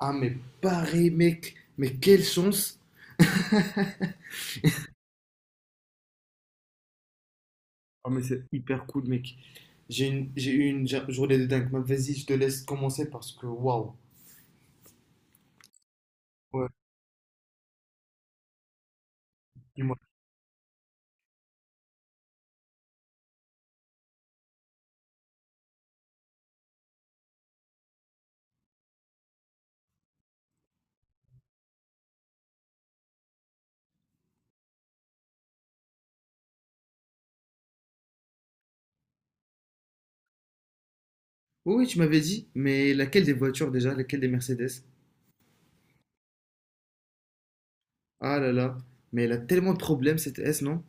Ah, mais pareil, mec. Mais quelle chance. Ah, mais c'est hyper cool, mec. J'ai eu une journée de dingue. Mais vas-y, je te laisse commencer parce que waouh. Ouais, dis-moi. Oui, oui, tu m'avais dit, mais laquelle des voitures déjà? Laquelle des Mercedes? Ah là là. Mais elle a tellement de problèmes, cette S, non?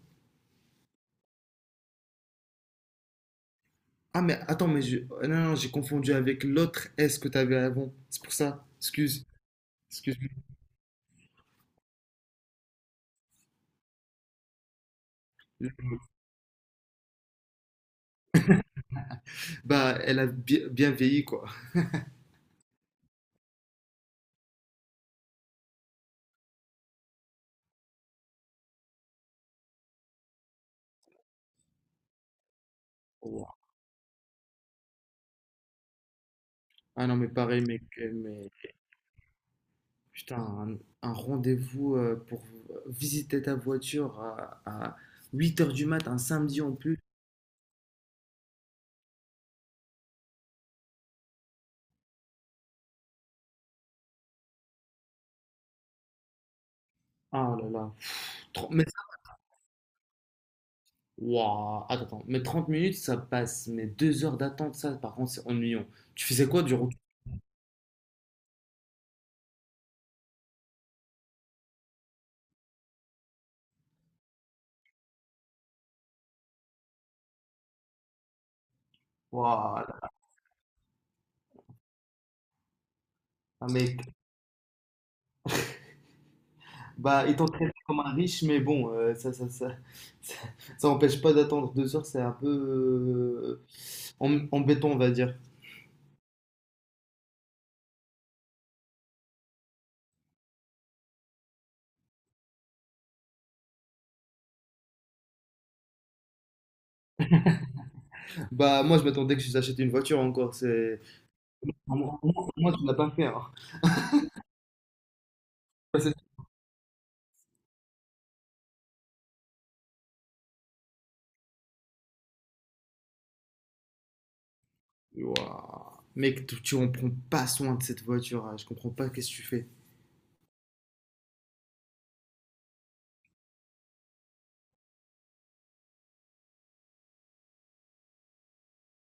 Ah, mais attends, mais ah, non, non, j'ai confondu avec l'autre S que t'avais avant. C'est pour ça. Excuse. Excuse-moi. Bah, elle a bien vieilli, quoi. Wow. Ah non, mais pareil, mec. Mais. Putain, un rendez-vous pour visiter ta voiture à 8 heures du mat, un samedi en plus. Ah oh là là. Trente mais. Ouah, attends, attends. Mais 30 minutes, ça passe. Mais 2 heures d'attente, ça, par contre, c'est ennuyant. Tu faisais quoi durant tout? Voilà, mec. Bah, étant traité comme un riche, mais bon, ça, ça empêche pas d'attendre 2 heures, c'est un peu embêtant, on va dire. Bah, moi, je m'attendais que j'achète une voiture encore. C'est. Moi, tu l'as pas fait, hein. Wouah. Mec, tu en prends pas soin de cette voiture, hein. Je comprends pas qu'est-ce que tu fais.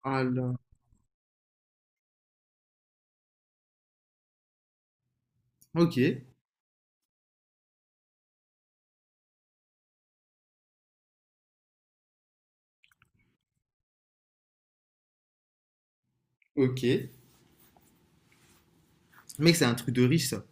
Ah là. Ok, ok. Mec, c'est un truc de riche, ça.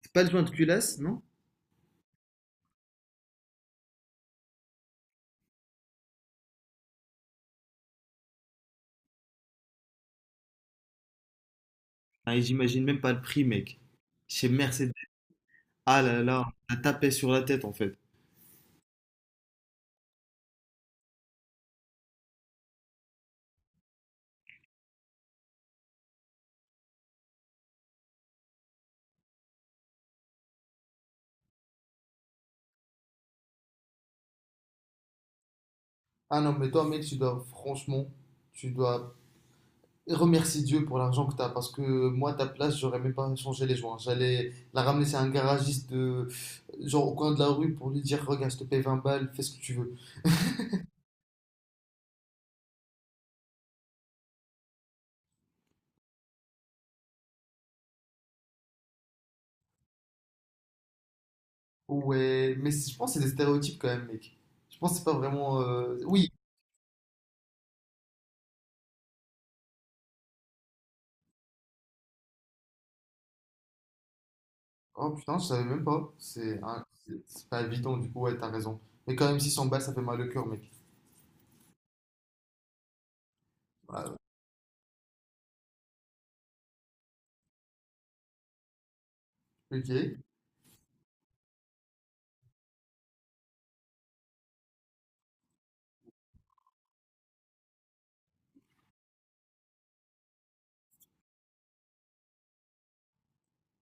C'est pas le joint de culasse, non? Ah, et j'imagine même pas le prix, mec. Chez Mercedes. Ah là là, on t'a tapé sur la tête, en fait. Ah non, mais toi, mec, franchement, tu dois remercier Dieu pour l'argent que t'as, parce que moi, à ta place, j'aurais même pas changé les joints. J'allais la ramener chez un garagiste, genre au coin de la rue, pour lui dire, regarde, je te paye 20 balles, fais ce que tu veux. Ouais, mais je pense que c'est des stéréotypes quand même, mec. Je pense que c'est pas vraiment. Oui. Oh putain, je savais même pas. C'est, hein, c'est pas évident, du coup, ouais, t'as raison. Mais quand même, si s'en bat, ça fait mal au cœur, mec. Voilà. Ok.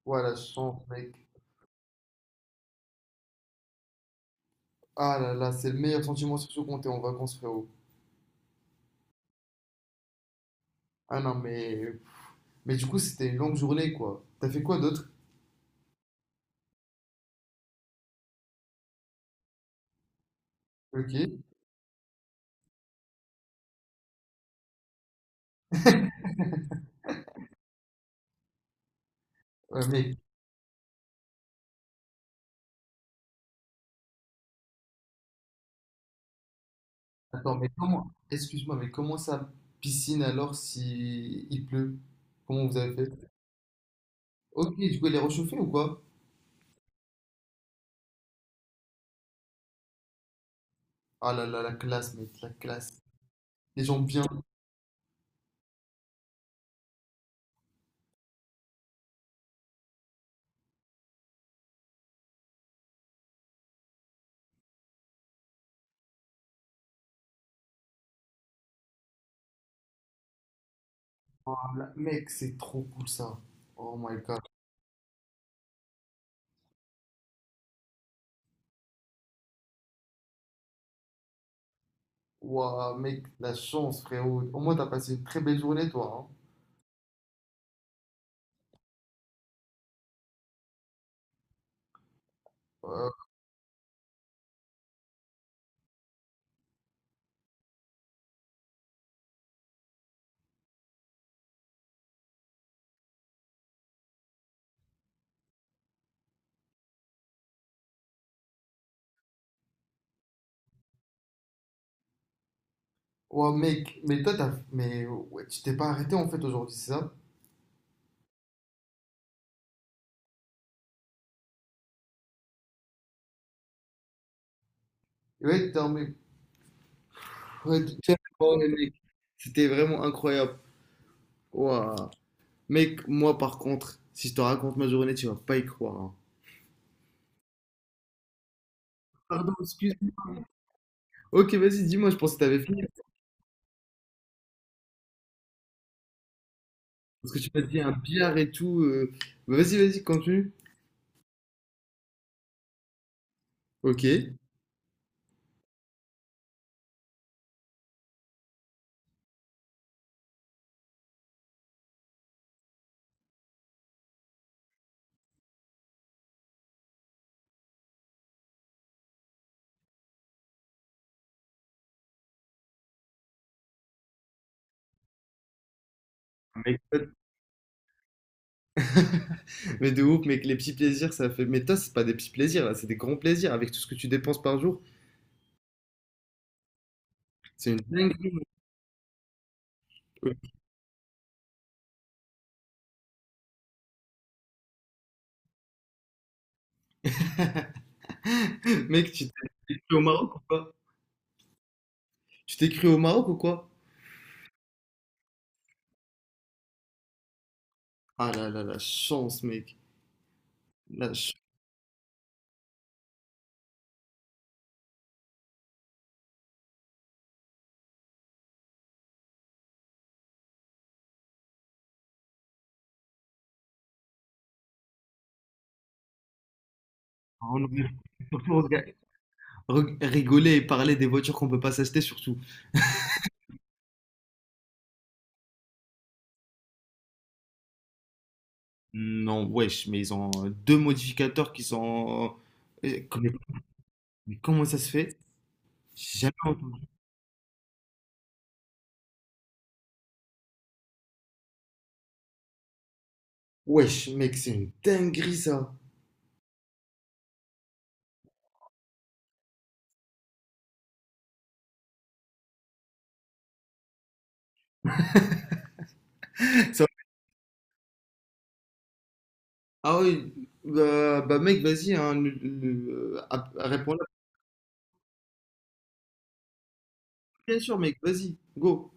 Voilà, je sens, mec. Ah là là, c'est le meilleur sentiment, surtout quand t'es en vacances, frérot. Ah non, mais. Mais du coup, c'était une longue journée, quoi. T'as fait quoi d'autre? Ok. Mais. Attends, mais comment. Excuse-moi, mais comment ça piscine alors si il pleut? Comment vous avez fait? Ok, du coup, elle est réchauffée ou quoi? Ah là là, la classe, mec, la classe. Les gens bien. Mec, c'est trop cool ça. Oh my god. Waouh, mec, la chance, frérot. Au moins, t'as passé une très belle journée, toi, hein. Euh, ouah, mec, mais toi, t'as. Mais ouais, tu t'es pas arrêté en fait aujourd'hui, c'est ça? Ouais, ouais, oh, ouais, mec, c'était vraiment incroyable. Waouh. Mec, moi, par contre, si je te raconte ma journée, tu vas pas y croire, hein. Pardon, excuse. Ok, vas-y, dis-moi, je pensais que t'avais fini. Parce que tu m'as dit un billard et tout. Vas-y, vas-y, continue. OK. Mais, mais de ouf, mec, les petits plaisirs, ça fait. Mais toi, c'est pas des petits plaisirs, là, c'est des grands plaisirs avec tout ce que tu dépenses par jour. C'est une dinguerie. Mec, tu t'es cru au Maroc ou pas? Tu t'es cru au Maroc ou quoi? Ah là là, la chance, mec. La chance. On aurait. Surtout, on aurait. Rigoler et parler des voitures qu'on peut pas s'acheter, surtout. Non, wesh, mais ils ont deux modificateurs qui sont. Comment mais comment ça se fait? J'ai jamais entendu. Wesh, mec, c'est une dinguerie ça. Ça Ah oui, mec, vas-y, hein, réponds-là. Bien sûr, mec, vas-y, go.